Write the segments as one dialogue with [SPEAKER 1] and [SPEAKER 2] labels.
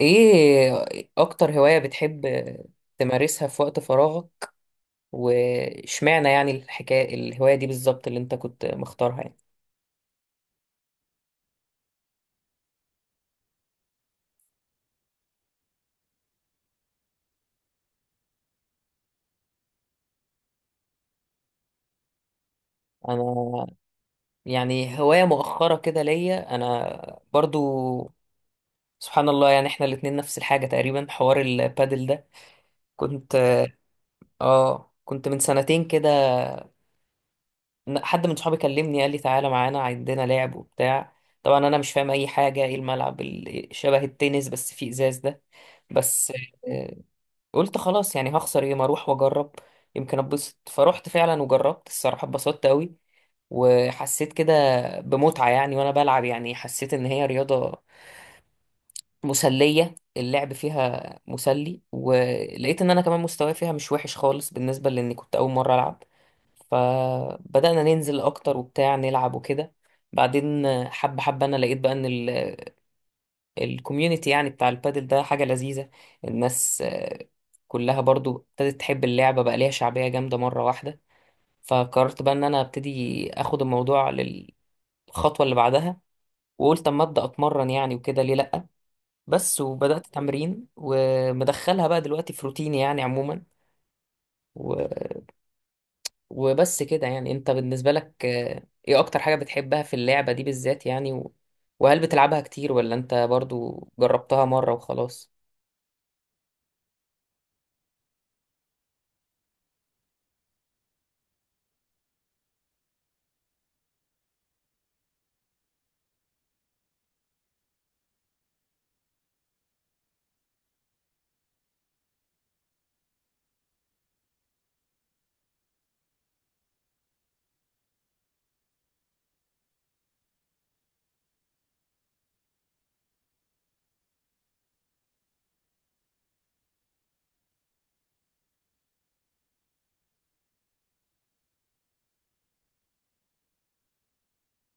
[SPEAKER 1] ايه اكتر هواية بتحب تمارسها في وقت فراغك؟ واشمعنى يعني الحكاية الهواية دي بالظبط اللي انت كنت مختارها يعني؟ انا يعني هواية مؤخرة كده ليا انا برضو. سبحان الله، يعني احنا الاتنين نفس الحاجة تقريبا. حوار البادل ده كنت اه كنت من سنتين كده. حد من صحابي كلمني قال لي تعالى معانا عندنا لعب وبتاع. طبعا انا مش فاهم اي حاجة، ايه الملعب شبه التنس بس فيه ازاز ده؟ بس قلت خلاص، يعني هخسر ايه، ما اروح واجرب، يمكن اتبسط. فروحت فعلا وجربت الصراحه، اتبسطت قوي وحسيت كده بمتعه يعني وانا بلعب. يعني حسيت ان هي رياضه مسليه، اللعب فيها مسلي، ولقيت ان انا كمان مستواي فيها مش وحش خالص بالنسبه لاني كنت اول مره العب. فبدأنا ننزل أكتر وبتاع، نلعب وكده. بعدين حبة حبة أنا لقيت بقى إن الكوميونتي يعني بتاع البادل ده حاجة لذيذة. الناس آه، كلها برضو ابتدت تحب اللعبة، بقى ليها شعبية جامدة مرة واحدة. فقررت بقى ان انا ابتدي اخد الموضوع للخطوة اللي بعدها، وقلت اما ابدا اتمرن يعني وكده، ليه لا؟ بس وبدات تمرين ومدخلها بقى دلوقتي في روتيني يعني عموما. و... وبس كده. يعني انت بالنسبة لك آه، ايه اكتر حاجة بتحبها في اللعبة دي بالذات يعني؟ وهل بتلعبها كتير ولا انت برضو جربتها مرة وخلاص؟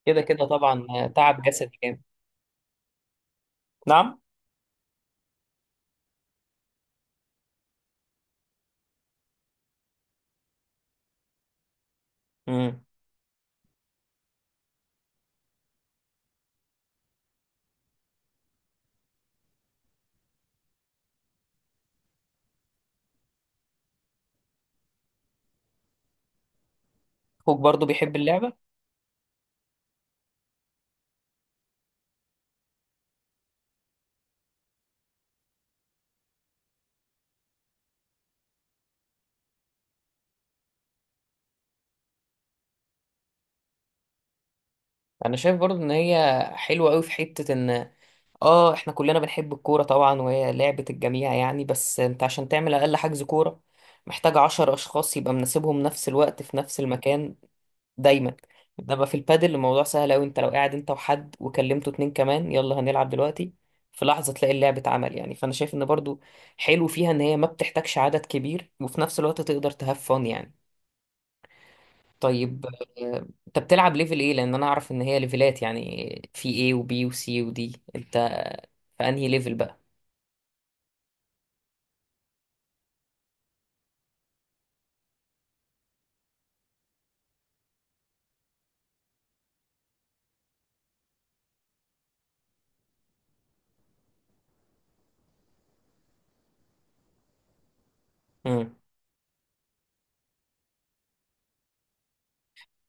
[SPEAKER 1] كده كده طبعا آه، تعب جسدي جامد. نعم. امم. اخوك برضو بيحب اللعبه؟ انا شايف برضو ان هي حلوه قوي في حته ان اه احنا كلنا بنحب الكوره طبعا، وهي لعبه الجميع يعني، بس انت عشان تعمل اقل حجز كوره محتاج عشر اشخاص يبقى مناسبهم نفس الوقت في نفس المكان دايما. انما في البادل الموضوع سهل قوي، انت لو قاعد انت وحد وكلمته اتنين كمان، يلا هنلعب دلوقتي. في لحظه تلاقي اللعب اتعمل يعني. فانا شايف ان برضو حلو فيها ان هي ما بتحتاجش عدد كبير، وفي نفس الوقت تقدر تهاف فن يعني. طيب آه، انت بتلعب ليفل ايه؟ لان انا اعرف ان هي ليفلات يعني، في ايه وبي وسي ودي، انت في انهي ليفل بقى؟ مم.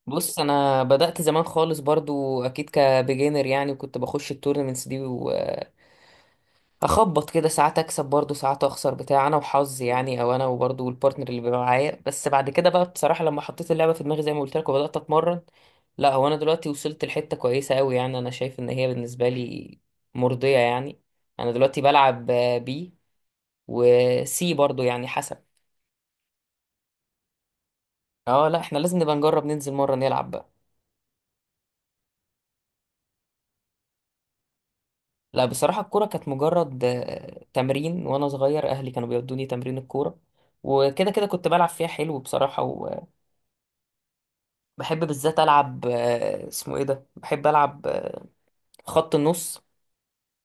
[SPEAKER 1] بص انا بدأت زمان خالص برضو، اكيد كبيجينر يعني، وكنت بخش التورنمنتس دي، اخبط كده ساعات اكسب برضو ساعات اخسر بتاع، انا وحظي يعني او انا وبرضو البارتنر اللي بيبقى معايا. بس بعد كده بقى بصراحه لما حطيت اللعبه في دماغي زي ما قلت لك وبدات اتمرن، لا هو انا دلوقتي وصلت لحته كويسه قوي يعني. انا شايف ان هي بالنسبه لي مرضيه يعني. انا دلوقتي بلعب بي وسي برضو يعني حسب. اه لا، احنا لازم نبقى نجرب ننزل مره نلعب بقى. لا بصراحه الكوره كانت مجرد آه، تمرين. وانا صغير اهلي كانوا بيودوني تمرين الكوره، وكده كده كنت بلعب فيها حلو بصراحه. بحب بالذات العب آه، اسمه ايه ده، بحب العب آه، خط النص.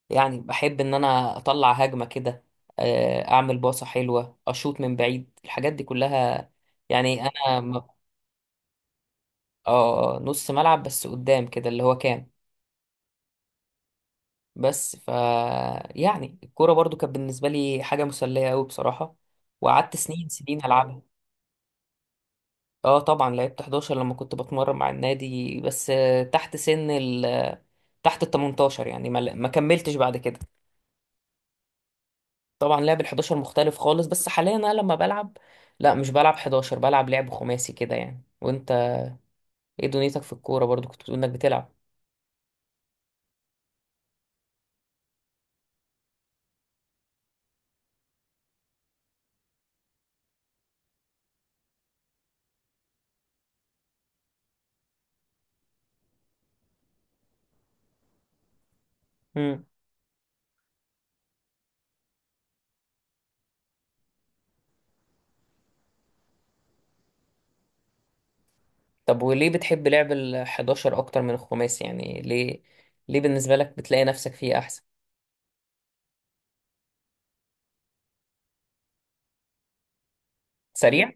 [SPEAKER 1] يعني بحب ان انا اطلع هجمه كده، آه، اعمل باصه حلوه، اشوط من بعيد، الحاجات دي كلها. يعني اه آه، نص ملعب بس قدام كده اللي هو كام. بس ف يعني الكوره برضو كانت بالنسبه لي حاجه مسليه قوي بصراحه، وقعدت سنين سنين العبها. اه طبعا لعبت 11 لما كنت بتمرن مع النادي، بس آه، تحت سن ال تحت ال 18 يعني، ما كملتش بعد كده. طبعا لعب ال 11 مختلف خالص. بس حاليا انا لما بلعب، لا مش بلعب 11، بلعب لعب خماسي كده يعني. وانت ايه دنيتك في الكوره؟ برضو كنت بتقول انك بتلعب. امم. طب وليه بتحب لعب ال 11 اكتر من الخماسي يعني؟ ليه ليه بالنسبه لك بتلاقي نفسك فيه احسن؟ سريع؟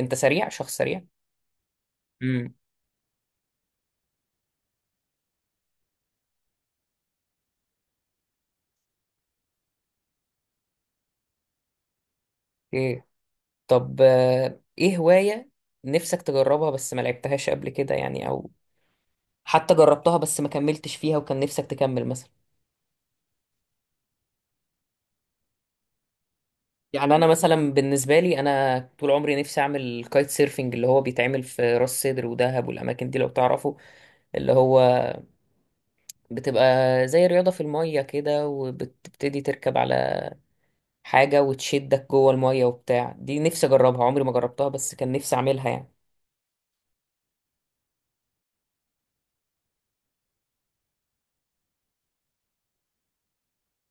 [SPEAKER 1] انت سريع، شخص سريع؟ امم. ايه. طب آه، ايه هوايه نفسك تجربها بس ما لعبتهاش قبل كده يعني، او حتى جربتها بس ما كملتش فيها وكان نفسك تكمل مثلا؟ يعني انا مثلا بالنسبه لي، انا طول عمري نفسي اعمل كايت سيرفنج، اللي هو بيتعمل في راس سدر ودهب والاماكن دي لو تعرفوا. اللي هو بتبقى زي رياضه في الميه كده، وبتبتدي تركب على حاجه وتشدك جوه الميه وبتاع. دي نفسي اجربها، عمري ما جربتها، بس كان نفسي اعملها يعني.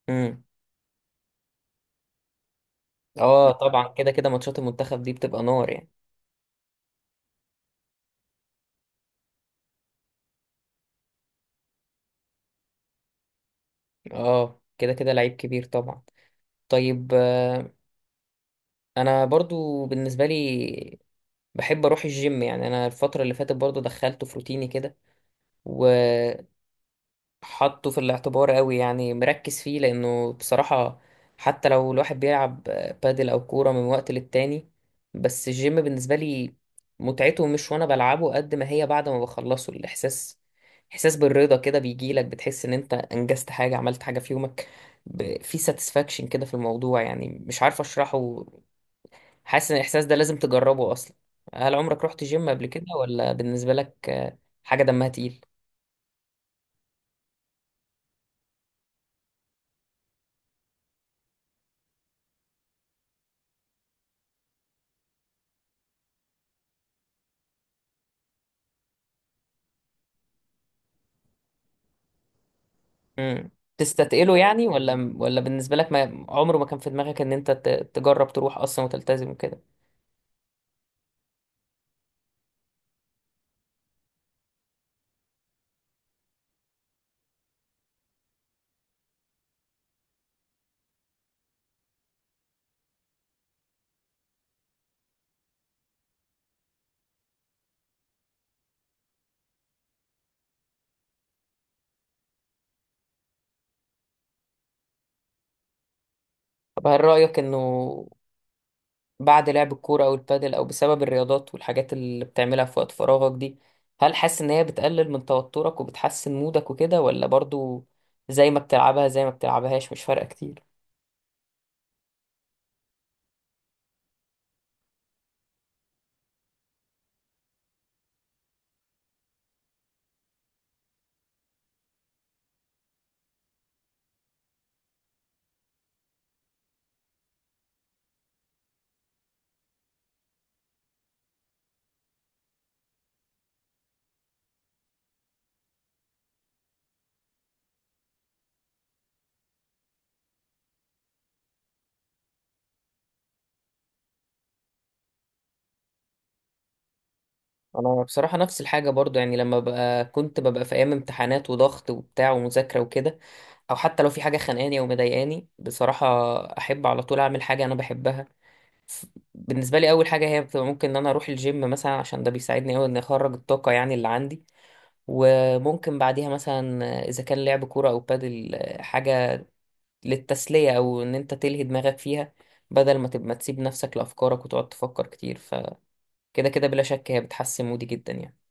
[SPEAKER 1] امم. اه طبعا كده كده ماتشات المنتخب دي بتبقى نار يعني. اه كده كده لعيب كبير طبعا. طيب آه، انا برضو بالنسبه لي بحب اروح الجيم يعني. انا الفتره اللي فاتت برضو دخلته في روتيني كده، وحطه في الاعتبار قوي يعني، مركز فيه، لانه بصراحه حتى لو الواحد بيلعب بادل او كوره من وقت للتاني، بس الجيم بالنسبه لي متعته مش وانا بلعبه قد ما هي بعد ما بخلصه، الاحساس، احساس بالرضا كده بيجيلك، بتحس ان انت انجزت حاجه، عملت حاجه في يومك. في ساتسفاكشن كده في الموضوع يعني، مش عارف اشرحه، حاسس ان الاحساس ده لازم تجربه اصلا. هل عمرك رحت جيم قبل كده، ولا بالنسبه لك آه، حاجه دمها تقيل؟ امم. تستتقله يعني، ولا بالنسبه لك ما عمره ما كان في دماغك ان انت تجرب تروح اصلا وتلتزم كده؟ طب هل رايك انه بعد لعب الكوره او البادل، او بسبب الرياضات والحاجات اللي بتعملها في وقت فراغك دي، هل حاسس ان هي بتقلل من توترك وبتحسن مودك وكده، ولا برضو زي ما بتلعبها زي ما بتلعبهاش مش فارقه كتير؟ انا بصراحه نفس الحاجه برضو يعني. لما ببقى كنت ببقى في ايام امتحانات وضغط وبتاع ومذاكره وكده، او حتى لو في حاجه خانقاني او مضايقاني بصراحه، احب على طول اعمل حاجه انا بحبها. ف- بالنسبه لي اول حاجه هي بتبقى ممكن ان انا اروح الجيم مثلا، عشان ده بيساعدني قوي ان اخرج الطاقه يعني اللي عندي. وممكن بعديها مثلا اذا كان لعب كوره او بادل، حاجه للتسليه او ان انت تلهي دماغك فيها، بدل ما تبقى تسيب نفسك لافكارك وتقعد تفكر كتير. فكده كده بلا شك هي بتحسن مودي جدا يعني.